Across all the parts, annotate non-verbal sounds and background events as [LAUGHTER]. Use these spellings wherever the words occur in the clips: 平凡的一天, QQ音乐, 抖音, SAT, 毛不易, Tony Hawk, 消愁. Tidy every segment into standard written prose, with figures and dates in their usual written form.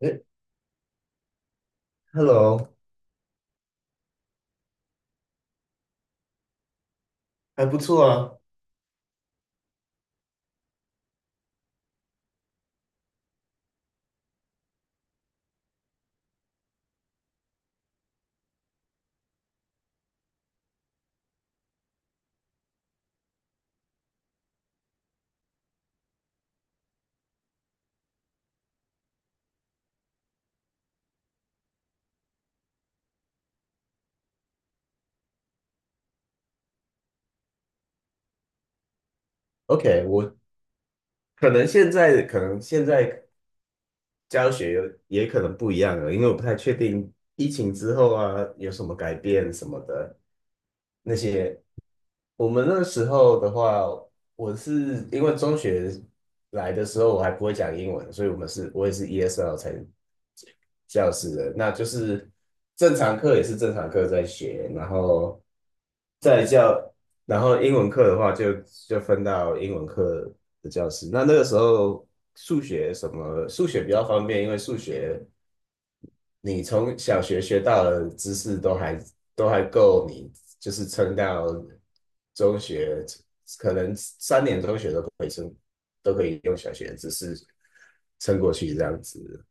哎。Hello。还不错啊。OK，我可能现在教学有也可能不一样了，因为我不太确定疫情之后啊有什么改变什么的。那些。我们那时候的话，我是因为中学来的时候我还不会讲英文，所以我也是 ESL 才教师的，那就是正常课也是正常课在学，然后在教，然后英文课的话就分到英文课的教室。那个时候数学什么数学比较方便，因为数学你从小学学到的知识都还够你，就是撑到中学，可能3年中学都可以撑，都可以用小学的知识撑过去这样子。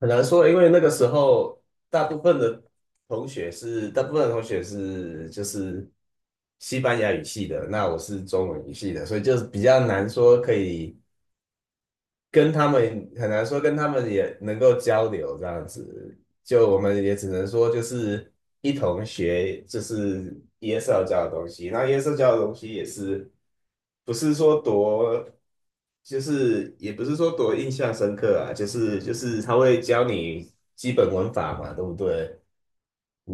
很难说，因为那个时候大部分的大部分的同学是就是西班牙语系的，那我是中文语系的，所以就是比较难说可以跟他们，很难说跟他们也能够交流这样子。就我们也只能说，就是一同学，就是耶稣教的东西。那耶稣教的东西也是，不是说多，就是也不是说多印象深刻啊，就是他会教你基本文法嘛，对不对？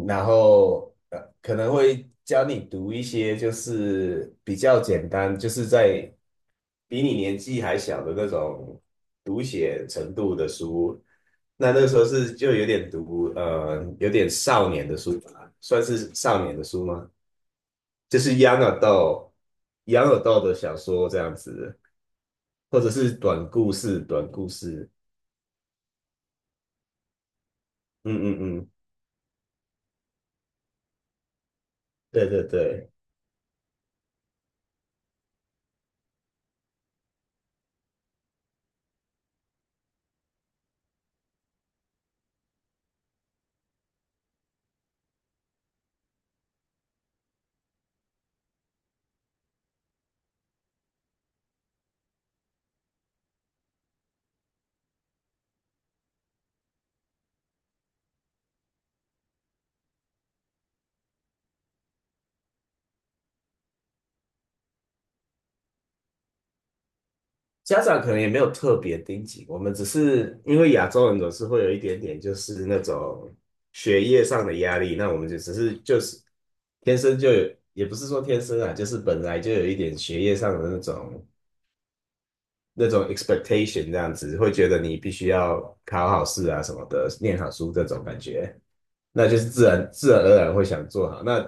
然后可能会教你读一些就是比较简单，就是在比你年纪还小的那种读写程度的书。那那个时候是就有点读有点少年的书吧，算是少年的书吗？就是 young adult 的小说这样子，或者是短故事，短故事。嗯嗯嗯。对对对。家长可能也没有特别盯紧，我们只是因为亚洲人总是会有一点点就是那种学业上的压力，那我们就只是就是天生就有，也不是说天生啊，就是本来就有一点学业上的那种。那种 expectation 这样子，会觉得你必须要考好试啊什么的，念好书这种感觉，那就是自然自然而然会想做好。那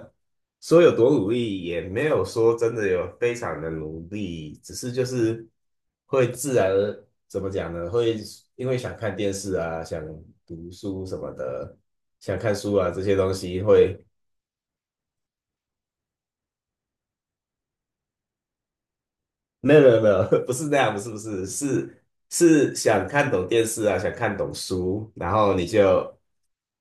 说有多努力，也没有说真的有非常的努力，只是就是会自然而怎么讲呢？会因为想看电视啊，想读书什么的，想看书啊这些东西会。没有没有没有，[LAUGHS] 不是那样，不是不是，是是想看懂电视啊，想看懂书，然后你就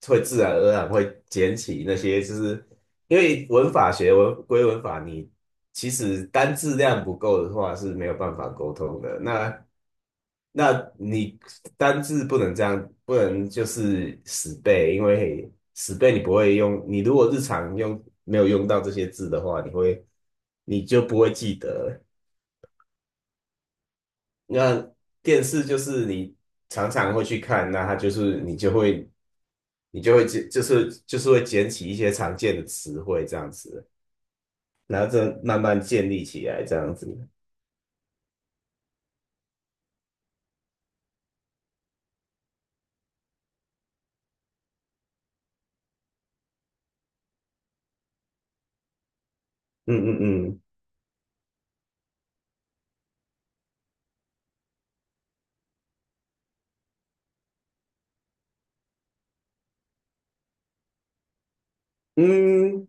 会自然而然会捡起那些，就是因为文法学文归文法，你其实单字量不够的话是没有办法沟通的。那你单字不能这样，不能就是死背，因为死背你不会用，你如果日常用没有用到这些字的话，你就不会记得。那电视就是你常常会去看，那它就是你就会捡就是会捡起一些常见的词汇这样子，然后再慢慢建立起来这样子。嗯嗯嗯嗯，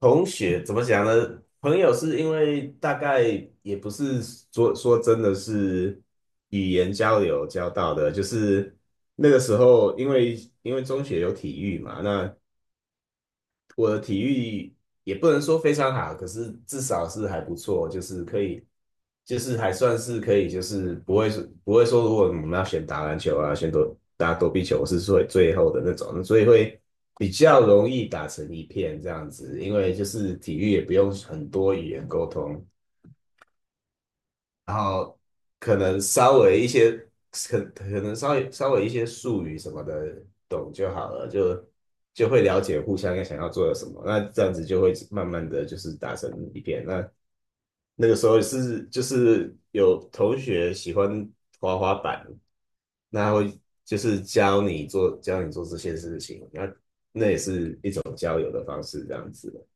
同学怎么讲呢？朋友是因为大概也不是说真的是语言交流交到的，就是那个时候因为中学有体育嘛，那我的体育也不能说非常好，可是至少是还不错，就是可以，就是还算是可以，就是不会说，如果我们要选打篮球啊，选躲打躲避球，我是最后的那种，所以会比较容易打成一片这样子，因为就是体育也不用很多语言沟通，然后可能稍微一些，可能稍微一些术语什么的懂就好了，就会了解互相想要做的什么，那这样子就会慢慢的就是达成一片。那那个时候是就是有同学喜欢滑滑板，那他会就是教你做这些事情，那那也是一种交友的方式，这样子。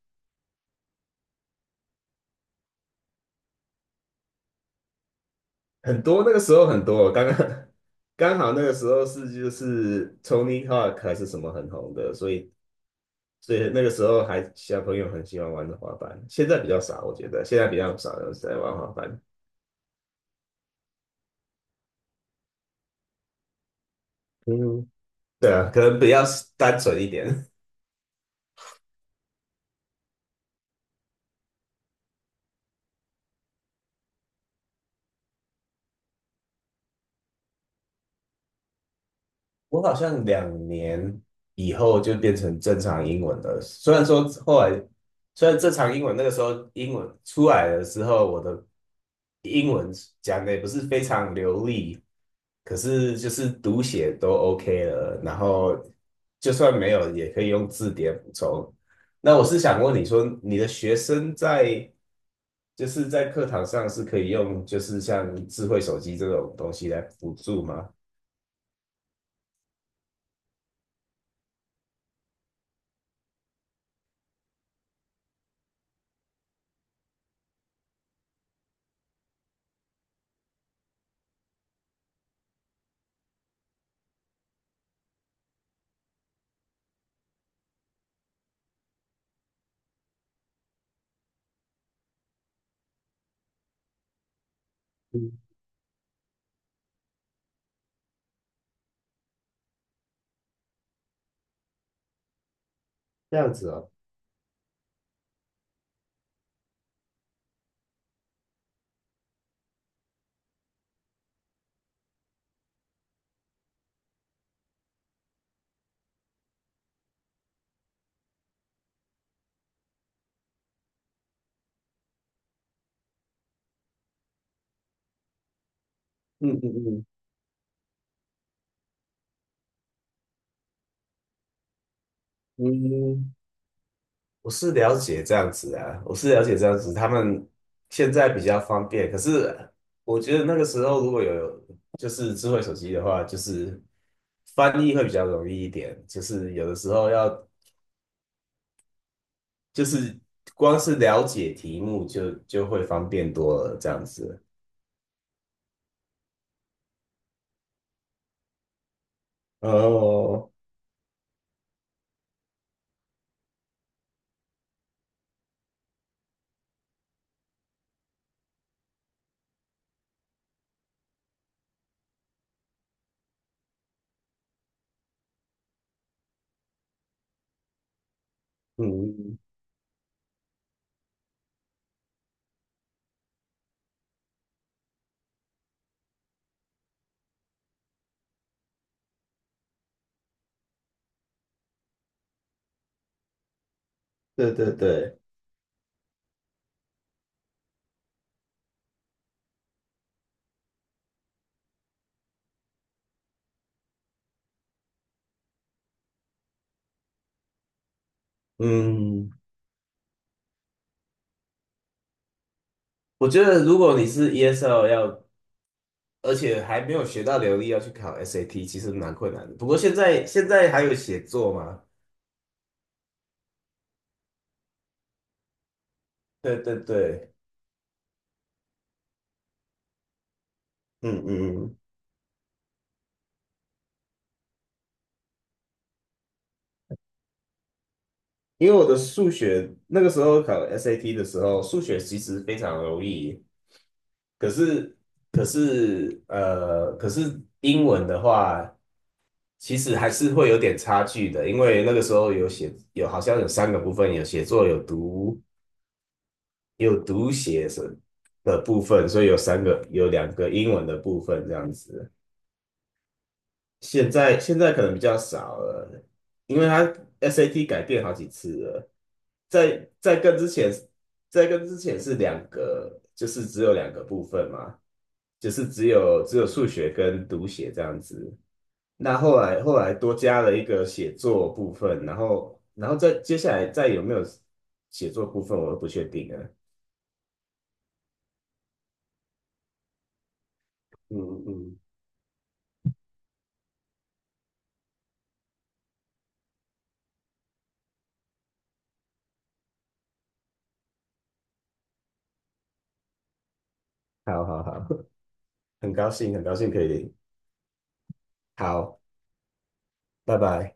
很多那个时候很多，刚刚 [LAUGHS] 刚好那个时候是就是 Tony Hawk 还是什么很红的，所以那个时候还小朋友很喜欢玩的滑板，现在比较少，我觉得现在比较少人在玩滑板。嗯，对啊，可能比较单纯一点。我好像2年以后就变成正常英文了。虽然说后来，虽然正常英文那个时候英文出来的时候，我的英文讲的也不是非常流利，可是就是读写都 OK 了。然后就算没有，也可以用字典补充。那我是想问你说，你的学生在就是在课堂上是可以用就是像智慧手机这种东西来辅助吗？嗯，这样子哦。嗯嗯嗯嗯，我是了解这样子啊，我是了解这样子，他们现在比较方便，可是我觉得那个时候如果有就是智慧手机的话，就是翻译会比较容易一点，就是有的时候要就是光是了解题目就会方便多了这样子。哦，嗯，对对对，嗯，我觉得如果你是 ESL 要而且还没有学到流利，要去考 SAT,其实蛮困难的。不过现在还有写作嘛？对对对。嗯嗯嗯。因为我的数学那个时候考 SAT 的时候，数学其实非常容易，可是可是英文的话，其实还是会有点差距的，因为那个时候有写有好像有三个部分，有写作，有读有读写什的部分，所以有三个有两个英文的部分这样子。现在可能比较少了，因为它 SAT 改变好几次了，在在更之前，在更之前是两个，就是只有两个部分嘛，就是只有数学跟读写这样子。那后来多加了一个写作部分，然后再接下来再有没有写作部分，我都不确定了。嗯嗯。好好好。[LAUGHS] 很高兴很高兴可以，好，拜拜。